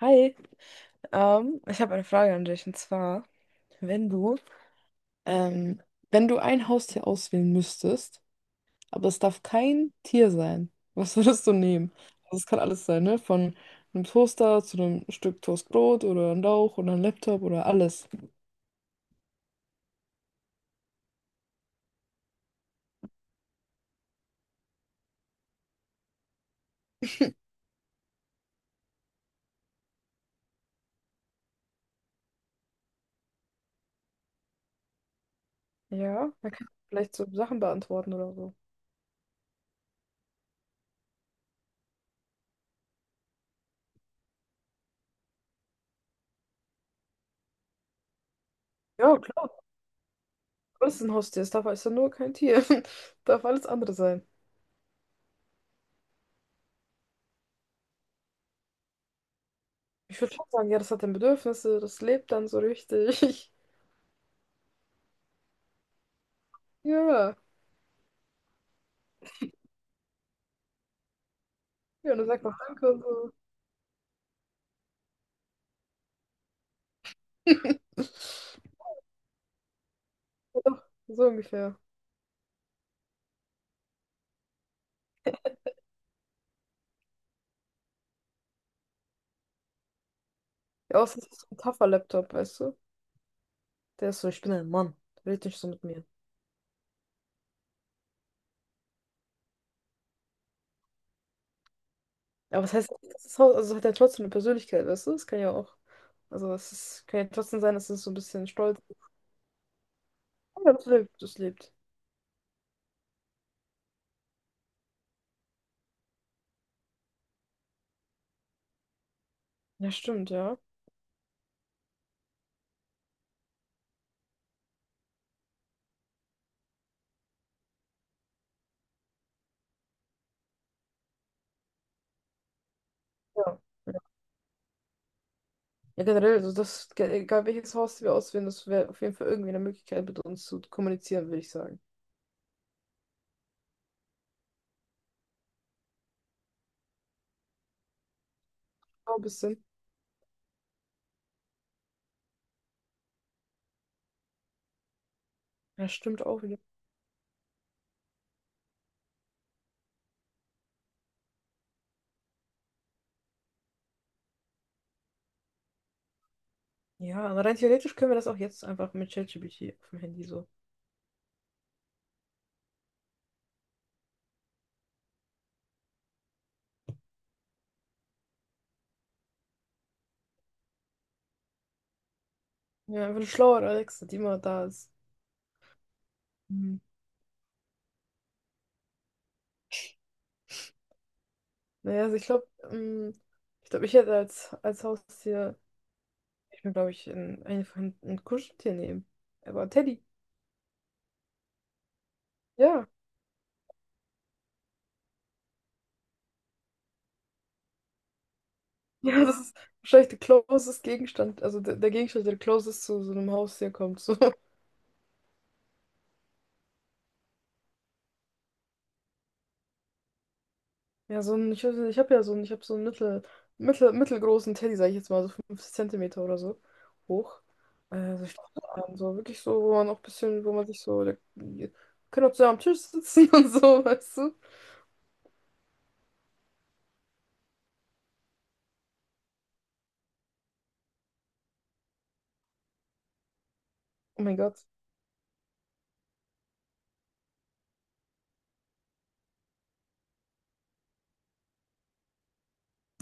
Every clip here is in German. Hi, ich habe eine Frage an dich und zwar, wenn du, ähm, wenn du ein Haustier auswählen müsstest, aber es darf kein Tier sein, was würdest du nehmen? Also es kann alles sein, ne? Von einem Toaster zu einem Stück Toastbrot oder einem Lauch oder einem Laptop oder alles. Ja, man kann vielleicht so Sachen beantworten oder so. Ja, klar, alles ist ein Haustier. Es darf, es ist ja nur kein Tier. Darf alles andere sein. Ich würde schon sagen, ja, das hat dann Bedürfnisse, das lebt dann so richtig. Ja, ja, und dann sagt man Danke und so. Ja, so ungefähr. Ja, außer es ist so ein tougher Laptop, weißt du? Der ist so, ich bin ein Mann. Red nicht so mit mir. Aber was heißt, das ist, also hat er trotzdem eine Persönlichkeit, weißt du? Das kann ja auch. Also es ist, kann ja trotzdem sein, dass es so ein bisschen stolz ist. Ja, das lebt, das lebt. Ja, stimmt, ja. Ja. Ja, ja, generell, also das, egal welches Haus wir auswählen, das wäre auf jeden Fall irgendwie eine Möglichkeit, mit uns zu kommunizieren, würde ich sagen. Ja, ein bisschen. Ja, stimmt auch wieder. Ja, aber rein theoretisch können wir das auch jetzt einfach mit ChatGPT auf dem Handy so. Ja, einfach eine schlauere Alexa, die immer da ist. Mhm. Naja, also ich glaube, ich glaube, ich hätte als, als Haustier, ich mir glaube ich, ein, einfach ein Kuscheltier nehmen. Aber Teddy, ja. Ja, das ist wahrscheinlich der closest Gegenstand, also der, der Gegenstand, der closest zu so einem Haustier kommt. So. Ja, so ein, ich, weiß nicht, ich habe ja so einen, ich habe so einen mittel, mittelgroßen Teddy, sage ich jetzt mal, so 50 cm oder so hoch. Also ich so wirklich so, wo man auch ein bisschen, wo man sich so, der, wir können auch zusammen am Tisch sitzen und so, weißt du? Oh mein Gott.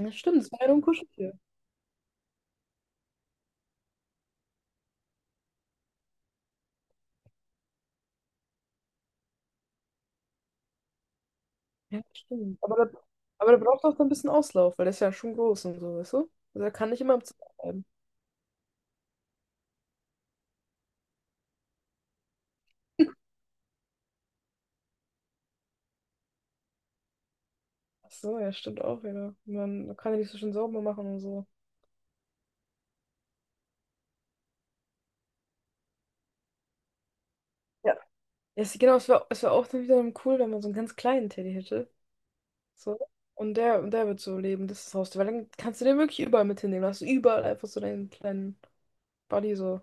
Ja, stimmt, das war ja nur ein Kuscheltier. Ja, stimmt. Aber der braucht auch so ein bisschen Auslauf, weil der ist ja schon groß und so, weißt du? Also er kann nicht immer im Zimmer bleiben. Ach so, ja, stimmt auch wieder. Man kann ja nicht so schön sauber machen und so. Ja. Ja, genau, es wäre es wär auch dann wieder cool, wenn man so einen ganz kleinen Teddy hätte. So. Und der wird so leben, das ist das Haustier. Weil dann kannst du den wirklich überall mit hinnehmen. Dann hast du überall einfach so deinen kleinen Buddy so.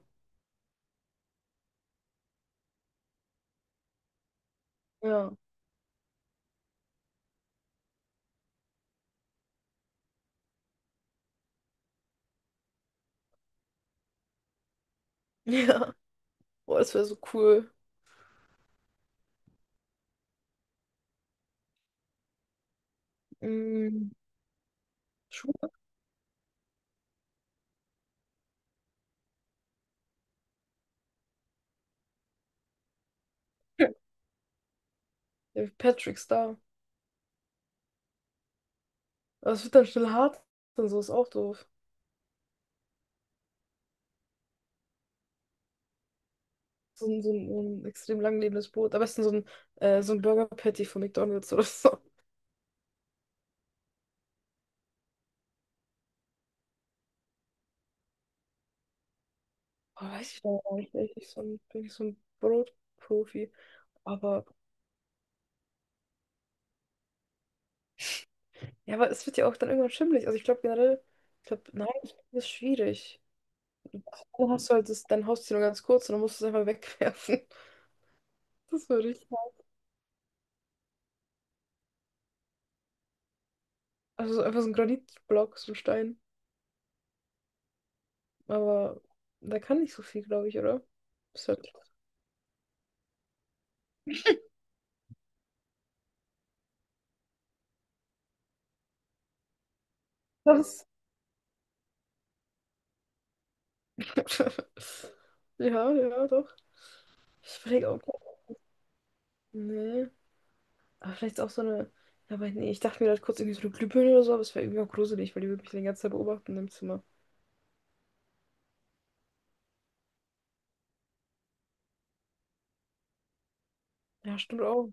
Ja. Ja. Boah, das wäre so cool. Mhm. Schuhe. Der Patrick Star. Aber es wird dann schnell hart und so, ist auch doof. So ein, so ein, so ein extrem langlebendes Brot. Am besten so ein Burger Patty von McDonald's oder so. Oh, weiß ich noch gar nicht. Bin ich nicht so ein, bin ich so ein Brotprofi. Aber ja, aber es wird ja auch dann irgendwann schimmelig. Also ich glaube generell, ich glaube, nein, das ist schwierig. Dann hast du halt das, dein Haustier nur ganz kurz und dann musst du es einfach wegwerfen. Das würde ich. Also so einfach so ein Granitblock, so ein Stein. Aber da kann nicht so viel, glaube ich, oder? Ist halt. Das. Ja, ja, doch. Ich überlege auch. Nee. Aber vielleicht auch so eine. Ja, aber nee, ich dachte mir gerade kurz irgendwie so eine Glühbirne oder so, aber es wäre irgendwie auch gruselig, weil die würde mich die ganze Zeit beobachten im Zimmer. Ja, stimmt auch.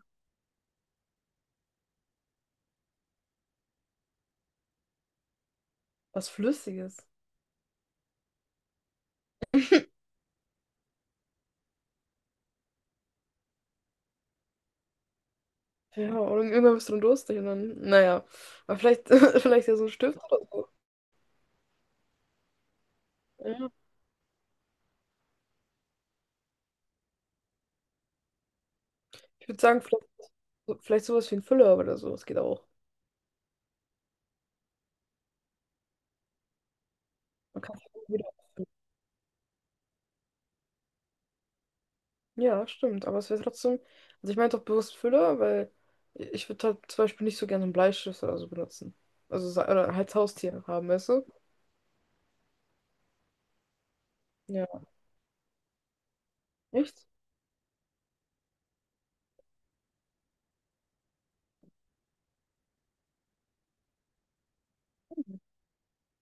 Was Flüssiges. Ja, und irgendwann bist du dann durstig und dann, naja. Aber vielleicht, vielleicht ja so ein Stift oder so. Ja. Ich würde sagen, vielleicht, vielleicht sowas wie ein Füller oder so. Das geht auch. Man kann es wieder. Ja, stimmt, aber es wäre trotzdem, also ich meine doch bewusst Füller, weil ich würde halt zum Beispiel nicht so gerne einen Bleistift oder so benutzen. Also, oder halt Haustier haben, weißt du? Ja, echt?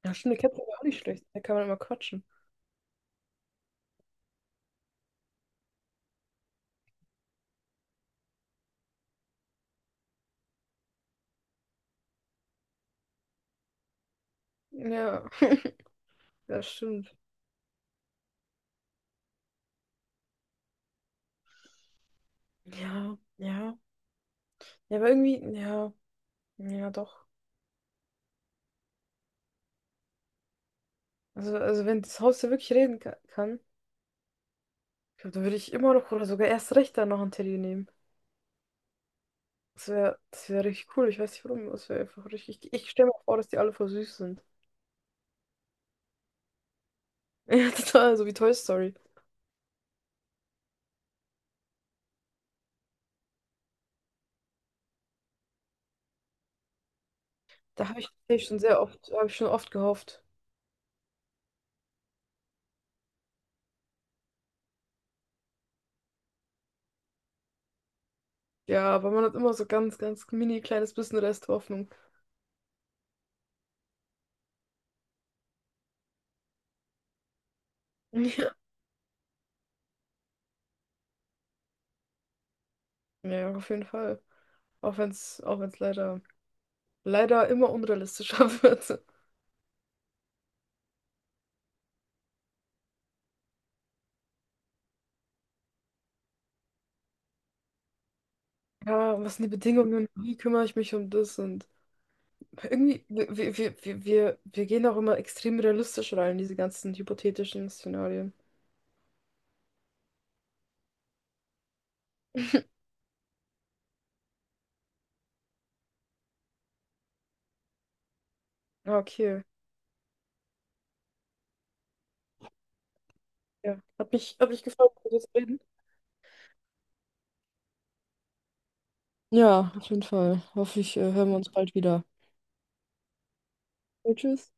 Ja, stimmt, eine Katze wäre auch nicht schlecht, da kann man immer quatschen. Ja, das stimmt. Ja, ja, ja, aber irgendwie, ja, ja, doch. Also wenn das Haustier wirklich reden kann, ich glaube, dann würde ich immer noch oder sogar erst recht dann noch ein Teddy nehmen. Das wäre richtig cool, ich weiß nicht warum, das wäre einfach richtig, ich stelle mir vor, dass die alle voll süß sind. Ja, total, so wie Toy Story. Da habe ich tatsächlich schon sehr oft, habe ich schon oft gehofft. Ja, aber man hat immer so ganz, ganz mini kleines bisschen Rest Hoffnung. Ja. Ja, auf jeden Fall. Auch wenn es leider, leider immer unrealistischer wird. Ja, und was sind die Bedingungen? Wie kümmere ich mich um das? Und irgendwie, wir, wir gehen auch immer extrem realistisch rein, diese ganzen hypothetischen Szenarien. Ja, okay. Ja. Hat mich gefreut, mit dir zu reden. Ja, auf jeden Fall. Hoffe ich, hören wir uns bald wieder. Ja, tschüss.